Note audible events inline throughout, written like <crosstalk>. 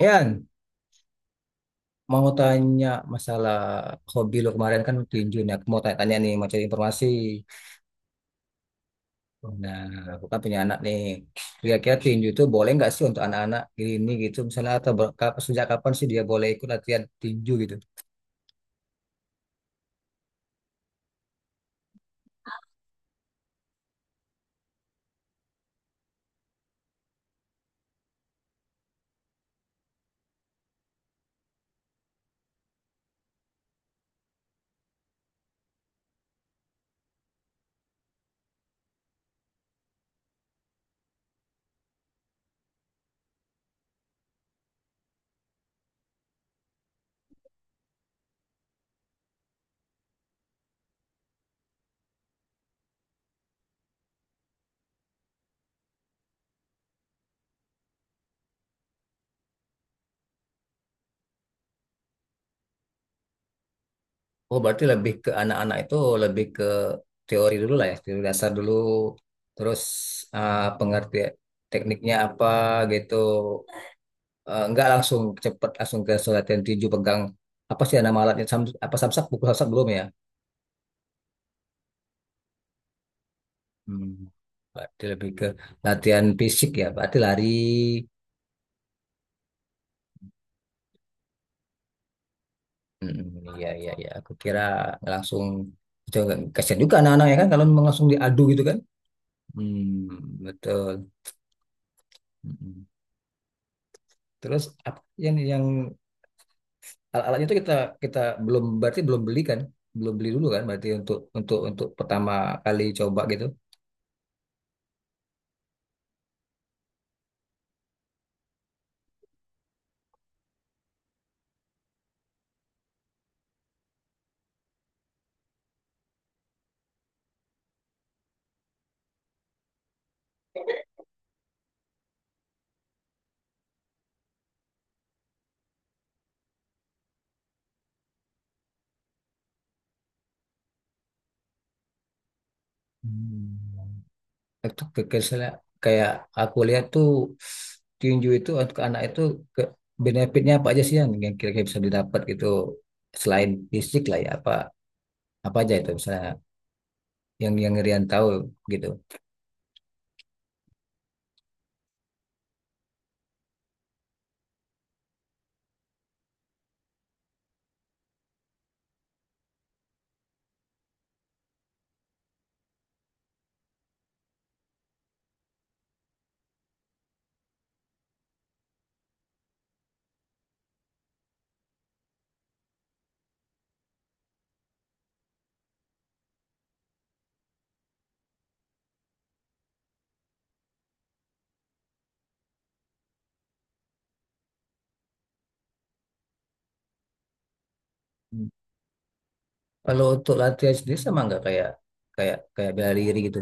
Yan, mau tanya masalah hobi lo kemarin kan tinju nih. Aku mau tanya-tanya nih, mau cari informasi. Nah, aku kan punya anak nih. Kira-kira tinju itu boleh nggak sih untuk anak-anak gini gitu? Misalnya atau sejak kapan sih dia boleh ikut latihan tinju gitu? Oh, berarti lebih ke anak-anak itu lebih ke teori dulu lah ya, teori dasar dulu. Terus pengertian tekniknya apa gitu. Nggak langsung cepet langsung ke latihan tinju pegang apa sih nama alatnya Sam, apa samsak pukul samsak belum ya. Hmm. Berarti lebih ke latihan fisik ya, berarti lari. Hmm, iya iya iya. Aku kira langsung itu agak kasihan juga anak-anak ya kan kalau memang langsung diadu gitu kan. Hmm, betul. Mm-mm. Terus apa yang alat-alatnya itu kita kita belum berarti belum beli kan? Belum beli dulu kan berarti untuk untuk pertama kali coba gitu. Hmm. itu ke- kesel- Kayak aku lihat tuh tinju itu untuk anak itu ke benefitnya apa aja sih yang kira-kira bisa didapat gitu selain fisik lah ya apa apa aja itu misalnya yang Rian tahu gitu. Hmm. Kalau untuk latihan sendiri sama nggak kayak kayak kayak bela diri gitu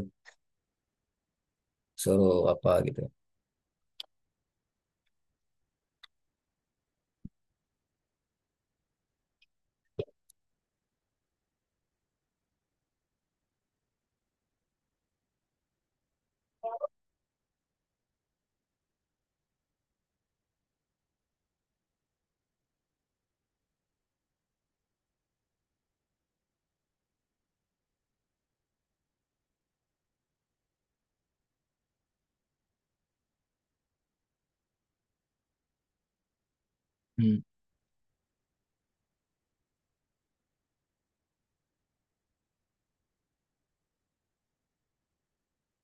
suruh apa gitu. Hmm.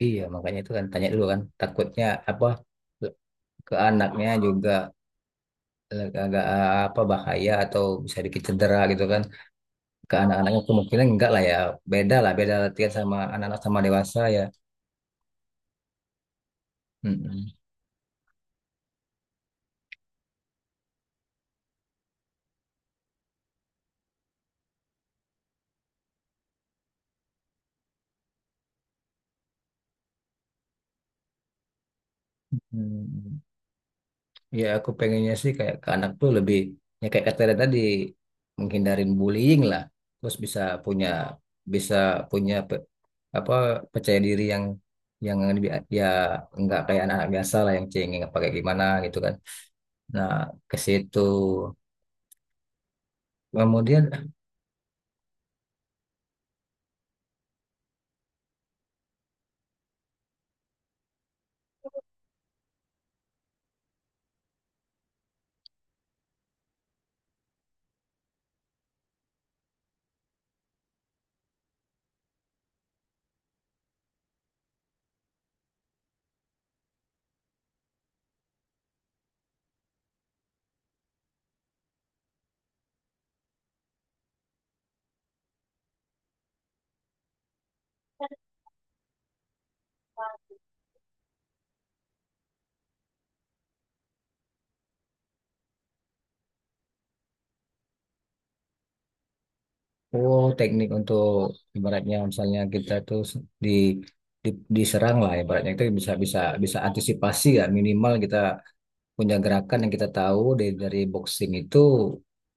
Iya makanya itu kan tanya dulu kan takutnya apa ke anaknya juga agak apa bahaya atau bisa dikit cedera gitu kan. Ke anak-anaknya kemungkinan enggak lah ya, beda lah beda latihan sama anak-anak sama dewasa ya. Mm-mm. Mm. Ya aku pengennya sih kayak ke anak tuh lebih ya kayak kata Dada tadi, menghindarin bullying lah, terus punya bisa punya pe- apa percaya diri yang lebih ya enggak kayak anak-anak biasa lah yang cengeng apa kayak gimana gitu kan. Nah, ke situ kemudian. Oh, teknik untuk ibaratnya misalnya kita tuh di, di diserang lah ibaratnya itu bisa bisa bisa antisipasi ya minimal kita punya gerakan yang kita tahu dari boxing itu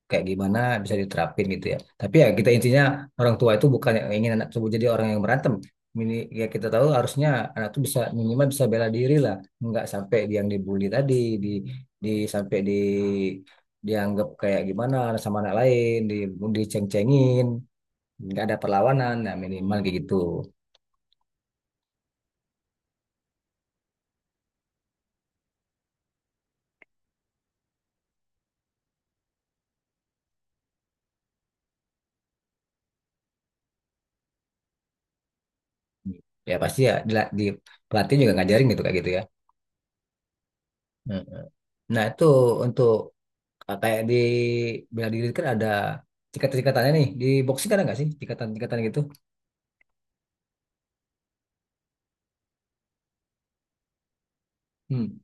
kayak gimana bisa diterapin gitu ya. Tapi ya kita intinya orang tua itu bukan yang ingin anak tersebut jadi orang yang berantem. Mini, Ya kita tahu harusnya anak tuh bisa minimal bisa bela diri lah, nggak sampai dia yang dibully tadi di di sampai dianggap kayak gimana sama anak lain, diceng-cengin nggak ada perlawanan, nah minimal kayak gitu. Ya pasti ya di pelatih juga ngajarin gitu kayak gitu ya. Mm. Nah itu untuk kayak di bela diri kan ada tingkatan-tingkatannya nih, di boxing kan ada nggak sih tingkatan-tingkatan gitu. Hmm.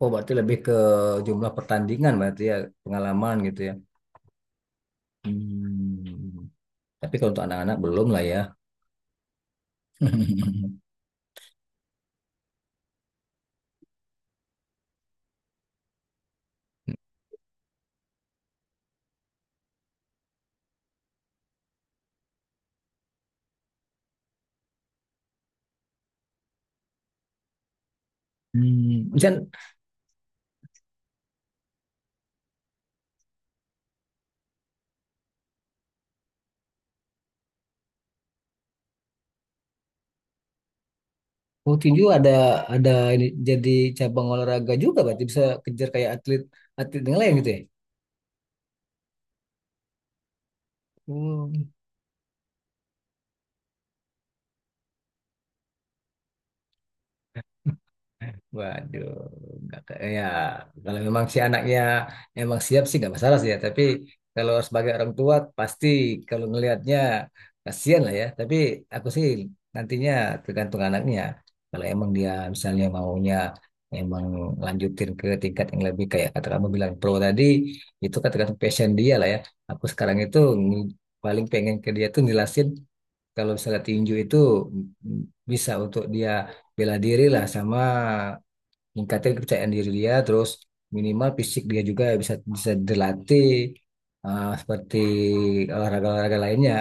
Oh, berarti lebih ke jumlah pertandingan berarti ya, pengalaman gitu ya. Hmm. Tapi kalau untuk anak-anak belum lah ya. <laughs> Hmm, Jan, waktu tinju ada ini jadi cabang olahraga juga berarti bisa kejar kayak atlet atlet yang lain gitu ya. <laughs> Hmm. Waduh, nggak ke- ya kalau memang si anaknya emang siap sih nggak masalah sih ya. Tapi kalau sebagai orang tua pasti kalau ngelihatnya kasihan lah ya. Tapi aku sih nantinya tergantung anaknya ya. Kalau emang dia misalnya maunya emang lanjutin ke tingkat yang lebih kayak kata kamu bilang pro tadi, itu kan tergantung passion dia lah ya. Aku sekarang itu ng- paling pengen ke dia tuh ngelasin kalau misalnya tinju itu mm, bisa untuk dia bela diri lah, sama meningkatkan kepercayaan diri dia, terus minimal fisik dia juga bisa bisa dilatih seperti olahraga-olahraga lainnya.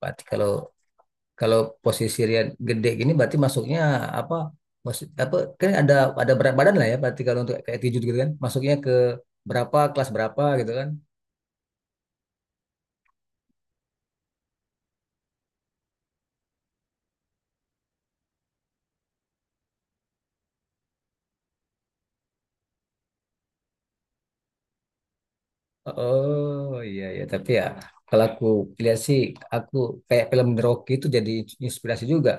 Berarti kalau kalau posisi dia gede gini berarti masuknya apa? Posi- apa Kan ada berat badan lah ya, berarti kalau untuk kayak tinju gitu kan masuknya ke berapa kelas berapa gitu kan. Oh iya ya, tapi ya kalau aku lihat sih, aku kayak film The Rocky itu jadi inspirasi juga.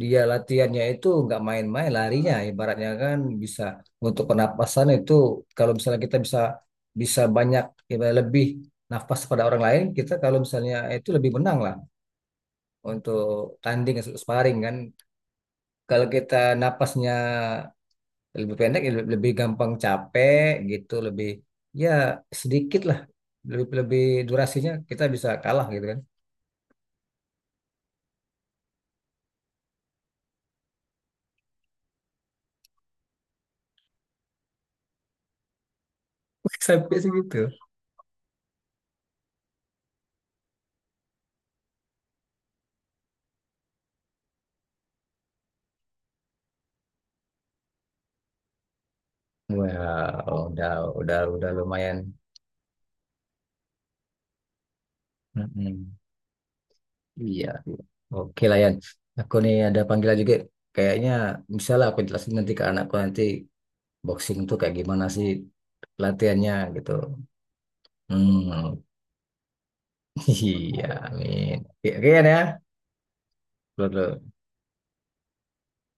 Dia latihannya itu nggak main-main larinya, ibaratnya kan bisa untuk pernapasan itu kalau misalnya kita bisa bisa banyak ibarat lebih nafas pada orang lain, kita kalau misalnya itu lebih menang lah untuk tanding sparring kan. Kalau kita napasnya lebih pendek ya lebih gampang capek gitu, lebih ya sedikit lah, lebih lebih durasinya kita bisa kalah gitu kan. <laughs> Sampai segitu. Wow, udah udah lumayan. Mm-mm. Iya, oke lah Yan, aku nih ada panggilan juga kayaknya. Misalnya aku jelasin nanti ke anakku nanti boxing tuh kayak gimana sih latihannya gitu. Hmm. <laughs> Iya, amin. Oke, oke Yan ya, dulu.